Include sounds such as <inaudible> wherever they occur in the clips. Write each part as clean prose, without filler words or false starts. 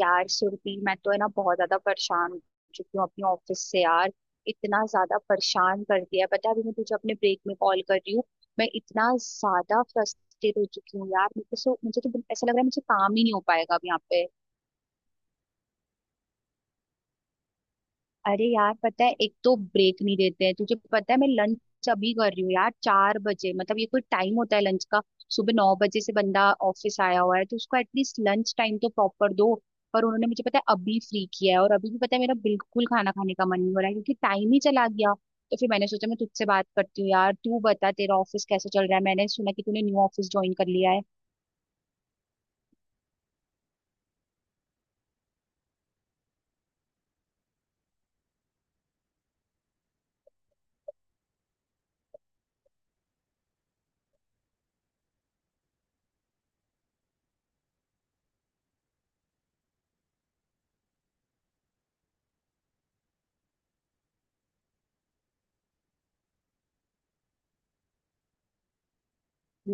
यार सुरभि मैं तो है ना बहुत ज्यादा परेशान हो चुकी हूँ अपने ऑफिस से यार। इतना ज्यादा परेशान कर दिया है। पता है अभी मैं तुझे अपने ब्रेक में कॉल कर रही हूँ। मैं इतना ज्यादा फ्रस्ट्रेट हो चुकी हूँ यार। मुझे तो ऐसा लग रहा है मुझे काम ही नहीं हो पाएगा अब यहाँ पे। अरे यार पता है एक तो ब्रेक नहीं देते हैं। तुझे पता है मैं लंच अभी कर रही हूँ यार 4 बजे। मतलब ये कोई टाइम होता है लंच का। सुबह 9 बजे से बंदा ऑफिस आया हुआ है तो उसको एटलीस्ट लंच टाइम तो प्रॉपर दो। पर उन्होंने मुझे पता है अभी फ्री किया है, और अभी भी पता है मेरा बिल्कुल खाना खाने का मन नहीं हो रहा है क्योंकि टाइम ही चला गया। तो फिर मैंने सोचा मैं तुझसे बात करती हूँ यार। तू बता तेरा ऑफिस कैसे चल रहा है। मैंने सुना कि तूने न्यू ऑफिस ज्वाइन कर लिया है।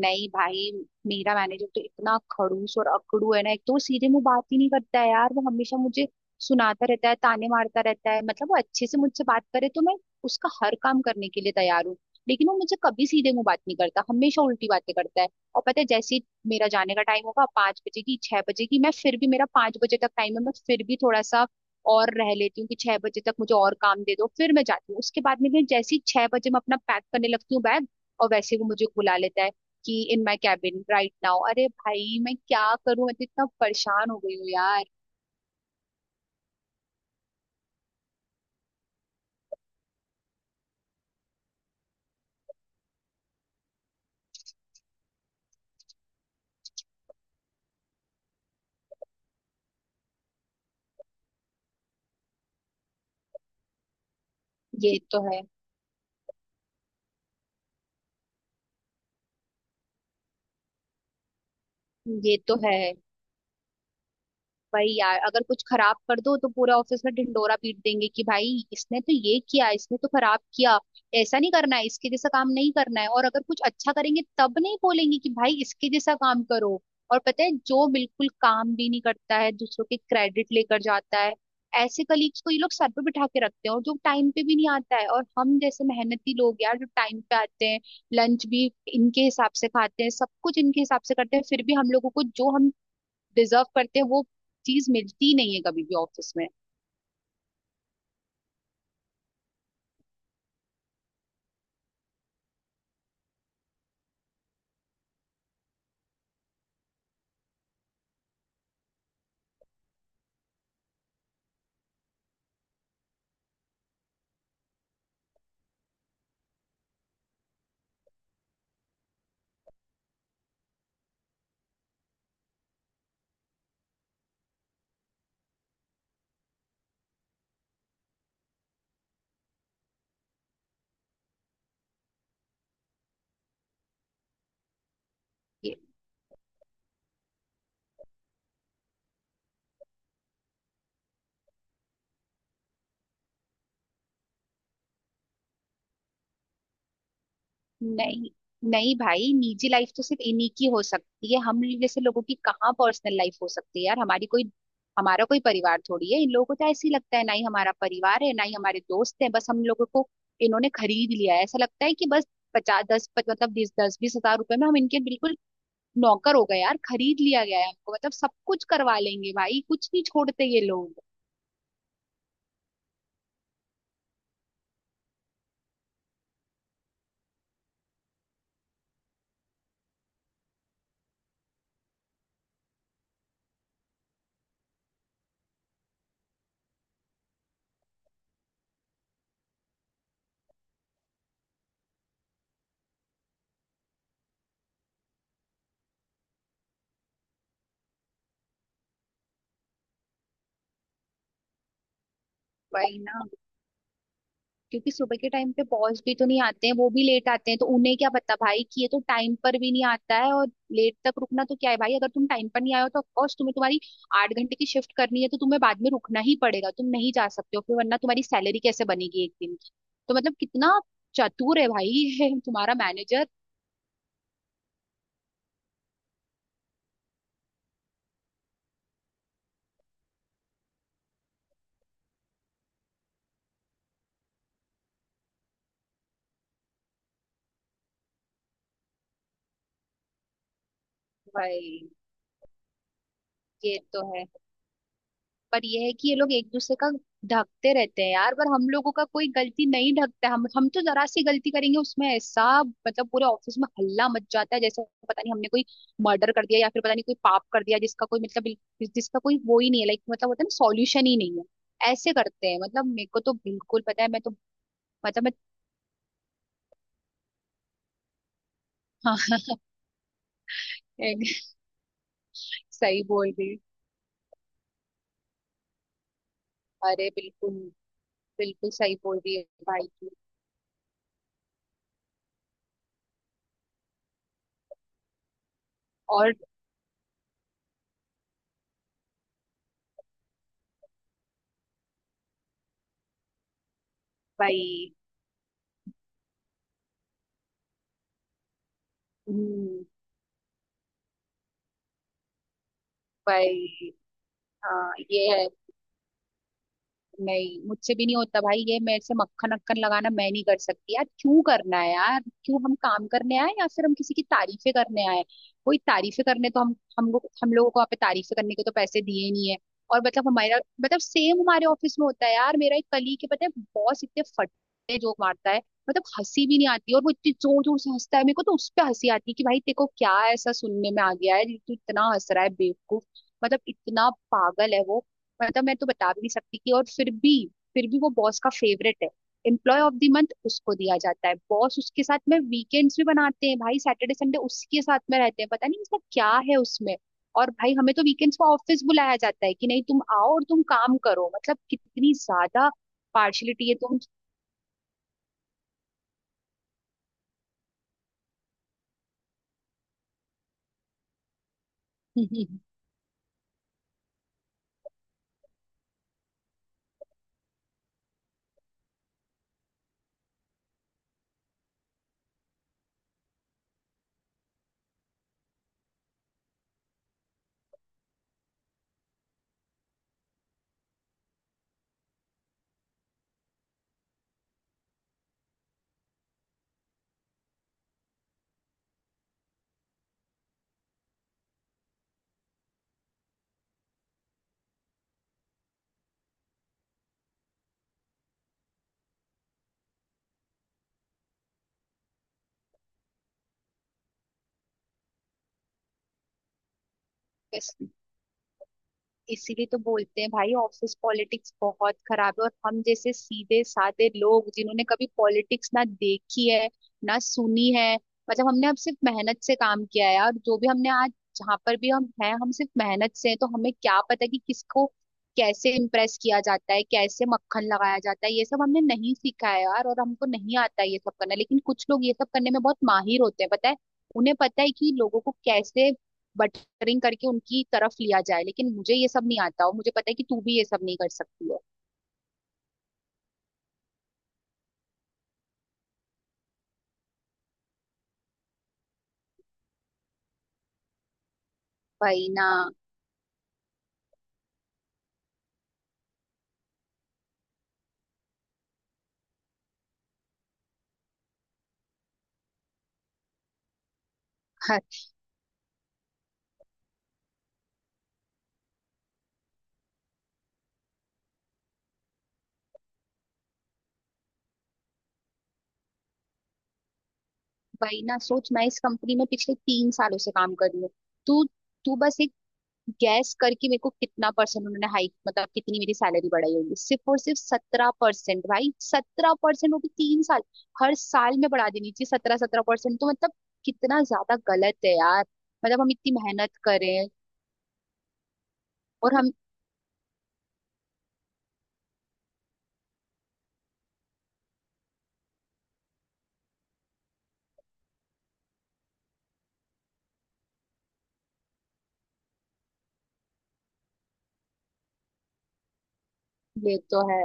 नहीं भाई। मेरा मैनेजर तो इतना खड़ूस और अकड़ू है ना, एक तो वो सीधे मुंह बात ही नहीं करता है यार। वो हमेशा मुझे सुनाता रहता है, ताने मारता रहता है। मतलब वो अच्छे से मुझसे बात करे तो मैं उसका हर काम करने के लिए तैयार हूँ। लेकिन वो मुझे कभी सीधे मुंह बात नहीं करता, हमेशा उल्टी बातें करता है। और पता है जैसे ही मेरा जाने का टाइम होगा, 5 बजे की, 6 बजे की, मैं फिर भी, मेरा 5 बजे तक टाइम है, मैं फिर भी थोड़ा सा और रह लेती हूँ कि 6 बजे तक मुझे और काम दे दो फिर मैं जाती हूँ। उसके बाद में भी जैसे ही 6 बजे मैं अपना पैक करने लगती हूँ बैग, और वैसे ही वो मुझे बुला लेता है कि in my cabin right now. अरे भाई मैं क्या करूं, मैं तो इतना परेशान हो गई हूँ यार। ये तो है। ये तो है। वही यार, अगर कुछ खराब कर दो तो पूरा ऑफिस में ढिंडोरा पीट देंगे कि भाई इसने तो ये किया, इसने तो खराब किया, ऐसा नहीं करना है, इसके जैसा काम नहीं करना है। और अगर कुछ अच्छा करेंगे तब नहीं बोलेंगे कि भाई इसके जैसा काम करो। और पता है, जो बिल्कुल काम भी नहीं करता है, दूसरों के क्रेडिट लेकर जाता है, ऐसे कलीग्स को ये लोग सर पे बिठा के रखते हैं। और जो टाइम पे भी नहीं आता है, और हम जैसे मेहनती लोग यार जो टाइम पे आते हैं, लंच भी इनके हिसाब से खाते हैं, सब कुछ इनके हिसाब से करते हैं, फिर भी हम लोगों को जो हम डिजर्व करते हैं वो चीज मिलती नहीं है कभी भी ऑफिस में। ये- नहीं नहीं भाई, निजी लाइफ तो सिर्फ इन्हीं की हो सकती है। हम जैसे लोगों की कहाँ पर्सनल लाइफ हो सकती है यार। हमारी कोई हमारा कोई परिवार थोड़ी है, इन लोगों को तो ऐसे ही लगता है, ना ही हमारा परिवार है ना ही हमारे दोस्त हैं, बस हम लोगों को इन्होंने खरीद लिया है, ऐसा लगता है कि बस मतलब ₹20,000 में हम इनके बिल्कुल नौकर हो गए यार। खरीद लिया गया है हमको। मतलब सब कुछ करवा लेंगे भाई, कुछ नहीं छोड़ते ये लोग। भाई ना, क्योंकि सुबह के टाइम पे बॉस भी तो नहीं आते हैं, वो भी लेट आते हैं, तो उन्हें क्या पता भाई कि ये तो टाइम पर भी नहीं आता है। और लेट तक रुकना तो क्या है भाई, अगर तुम टाइम पर नहीं आए हो तो ऑफकोर्स तुम्हें, तुम्हारी 8 घंटे की शिफ्ट करनी है, तो तुम्हें बाद में रुकना ही पड़ेगा। तुम नहीं जा सकते हो फिर, वरना तुम्हारी सैलरी कैसे बनेगी एक दिन की। तो मतलब कितना चतुर है भाई <laughs> ये तुम्हारा मैनेजर। भाई ये तो है। पर यह है कि ये लोग एक दूसरे का ढकते रहते हैं यार, पर हम लोगों का कोई गलती नहीं ढकता। हम तो जरा सी गलती करेंगे, उसमें ऐसा मतलब पूरे ऑफिस में हल्ला मच जाता है, जैसे पता नहीं हमने कोई मर्डर कर दिया या फिर पता नहीं कोई पाप कर दिया जिसका कोई मतलब जिसका कोई वो ही नहीं है, लाइक मतलब होता है ना, सॉल्यूशन ही नहीं है। ऐसे करते हैं। मतलब मेरे को तो बिल्कुल पता है, मैं तो मतलब मैं हाँ। <laughs> सही बोल रही। अरे बिल्कुल, बिल्कुल सही बोल रही है। भाई तू। और भाई। हम्म। भाई हाँ ये है। नहीं मुझसे भी नहीं होता भाई, ये मेरे से मक्खन अक्खन लगाना मैं नहीं कर सकती यार। क्यों करना है यार, क्यों हम काम करने आए या फिर हम किसी की तारीफें करने आए। कोई तारीफें करने तो, हम लोग, हम लोगों को यहाँ पे तारीफें करने के तो पैसे दिए नहीं है। और मतलब हमारा, मतलब सेम हमारे ऑफिस में होता है यार। मेरा एक कलीग है, पता है बॉस इतने फटे जोक मारता है, मतलब हंसी भी नहीं आती, और वो इतनी जोर जोर से हंसता है। मेरे को तो उस पे हंसी आती है कि भाई तेरे को क्या ऐसा सुनने में आ गया है जो तू इतना हंस रहा है बेवकूफ। मतलब इतना पागल है वो, मतलब मैं तो बता भी नहीं सकती कि, और फिर भी वो बॉस का फेवरेट है। एम्प्लॉय ऑफ द मंथ उसको दिया जाता है, बॉस उसके साथ में वीकेंड्स भी बनाते हैं भाई, सैटरडे संडे उसके साथ में रहते हैं, पता नहीं इसका क्या है उसमें। और भाई हमें तो वीकेंड्स को ऑफिस बुलाया जाता है कि नहीं तुम आओ और तुम काम करो। मतलब कितनी ज्यादा पार्शलिटी है। तुम <laughs> इसीलिए तो बोलते हैं भाई, ऑफिस पॉलिटिक्स बहुत खराब है, और हम जैसे सीधे साधे लोग जिन्होंने कभी पॉलिटिक्स ना देखी है ना सुनी है, मतलब हमने अब सिर्फ मेहनत से काम किया है यार। जो भी हमने आज, जहाँ पर भी हम हैं, हम सिर्फ मेहनत से हैं, तो हमें क्या पता कि किसको कैसे इम्प्रेस किया जाता है, कैसे मक्खन लगाया जाता है, ये सब हमने नहीं सीखा है यार, और हमको नहीं आता है ये सब करना। लेकिन कुछ लोग ये सब करने में बहुत माहिर होते हैं, पता है। उन्हें पता है कि लोगों को कैसे रिंग करके उनकी तरफ लिया जाए, लेकिन मुझे ये सब नहीं आता, और मुझे पता है कि तू भी ये सब नहीं कर सकती है। वही ना। हर वही ना, सोच मैं इस कंपनी में पिछले 3 सालों से काम कर रही हूँ। तू तू बस एक गैस करके, मेरे को कितना परसेंट उन्होंने हाइक, मतलब कितनी मेरी सैलरी बढ़ाई होगी, सिर्फ और सिर्फ 17% भाई। 17%, वो भी 3 साल। हर साल में बढ़ा देनी चाहिए 17-17%। तो मतलब कितना ज्यादा गलत है यार, मतलब हम इतनी मेहनत करें और हम। ये तो है।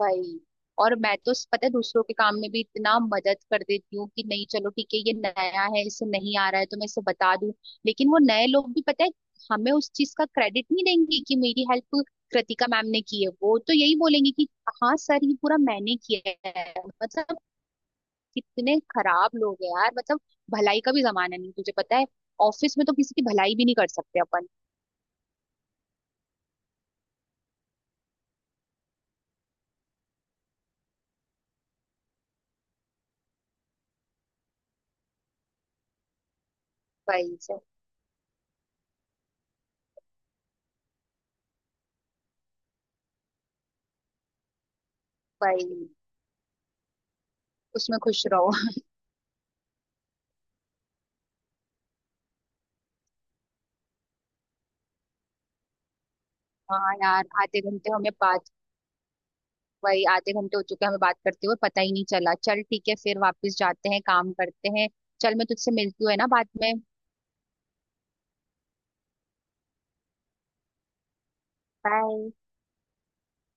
वही। और मैं तो पता है दूसरों के काम में भी इतना मदद कर देती हूँ कि नहीं चलो ठीक है, ये नया है, इसे नहीं आ रहा है, तो मैं इसे बता दूं। लेकिन वो नए लोग भी, पता है, हमें उस चीज का क्रेडिट नहीं देंगे कि मेरी हेल्प कृतिका मैम ने की है, वो तो यही बोलेंगे कि हाँ सर ये पूरा मैंने किया है। मतलब कितने खराब लोग हैं यार, मतलब भलाई का भी जमाना नहीं, तुझे पता है। ऑफिस में तो किसी की भलाई भी नहीं कर सकते अपन। वही से वही, उसमें खुश रहो। <laughs> हाँ यार, आधे घंटे हमें बात। वही, आधे घंटे हो चुके हैं हमें बात करते हुए, पता ही नहीं चला। चल ठीक है फिर, वापस जाते हैं, काम करते हैं। चल, मैं तुझसे मिलती हूँ है ना बाद में। बाय।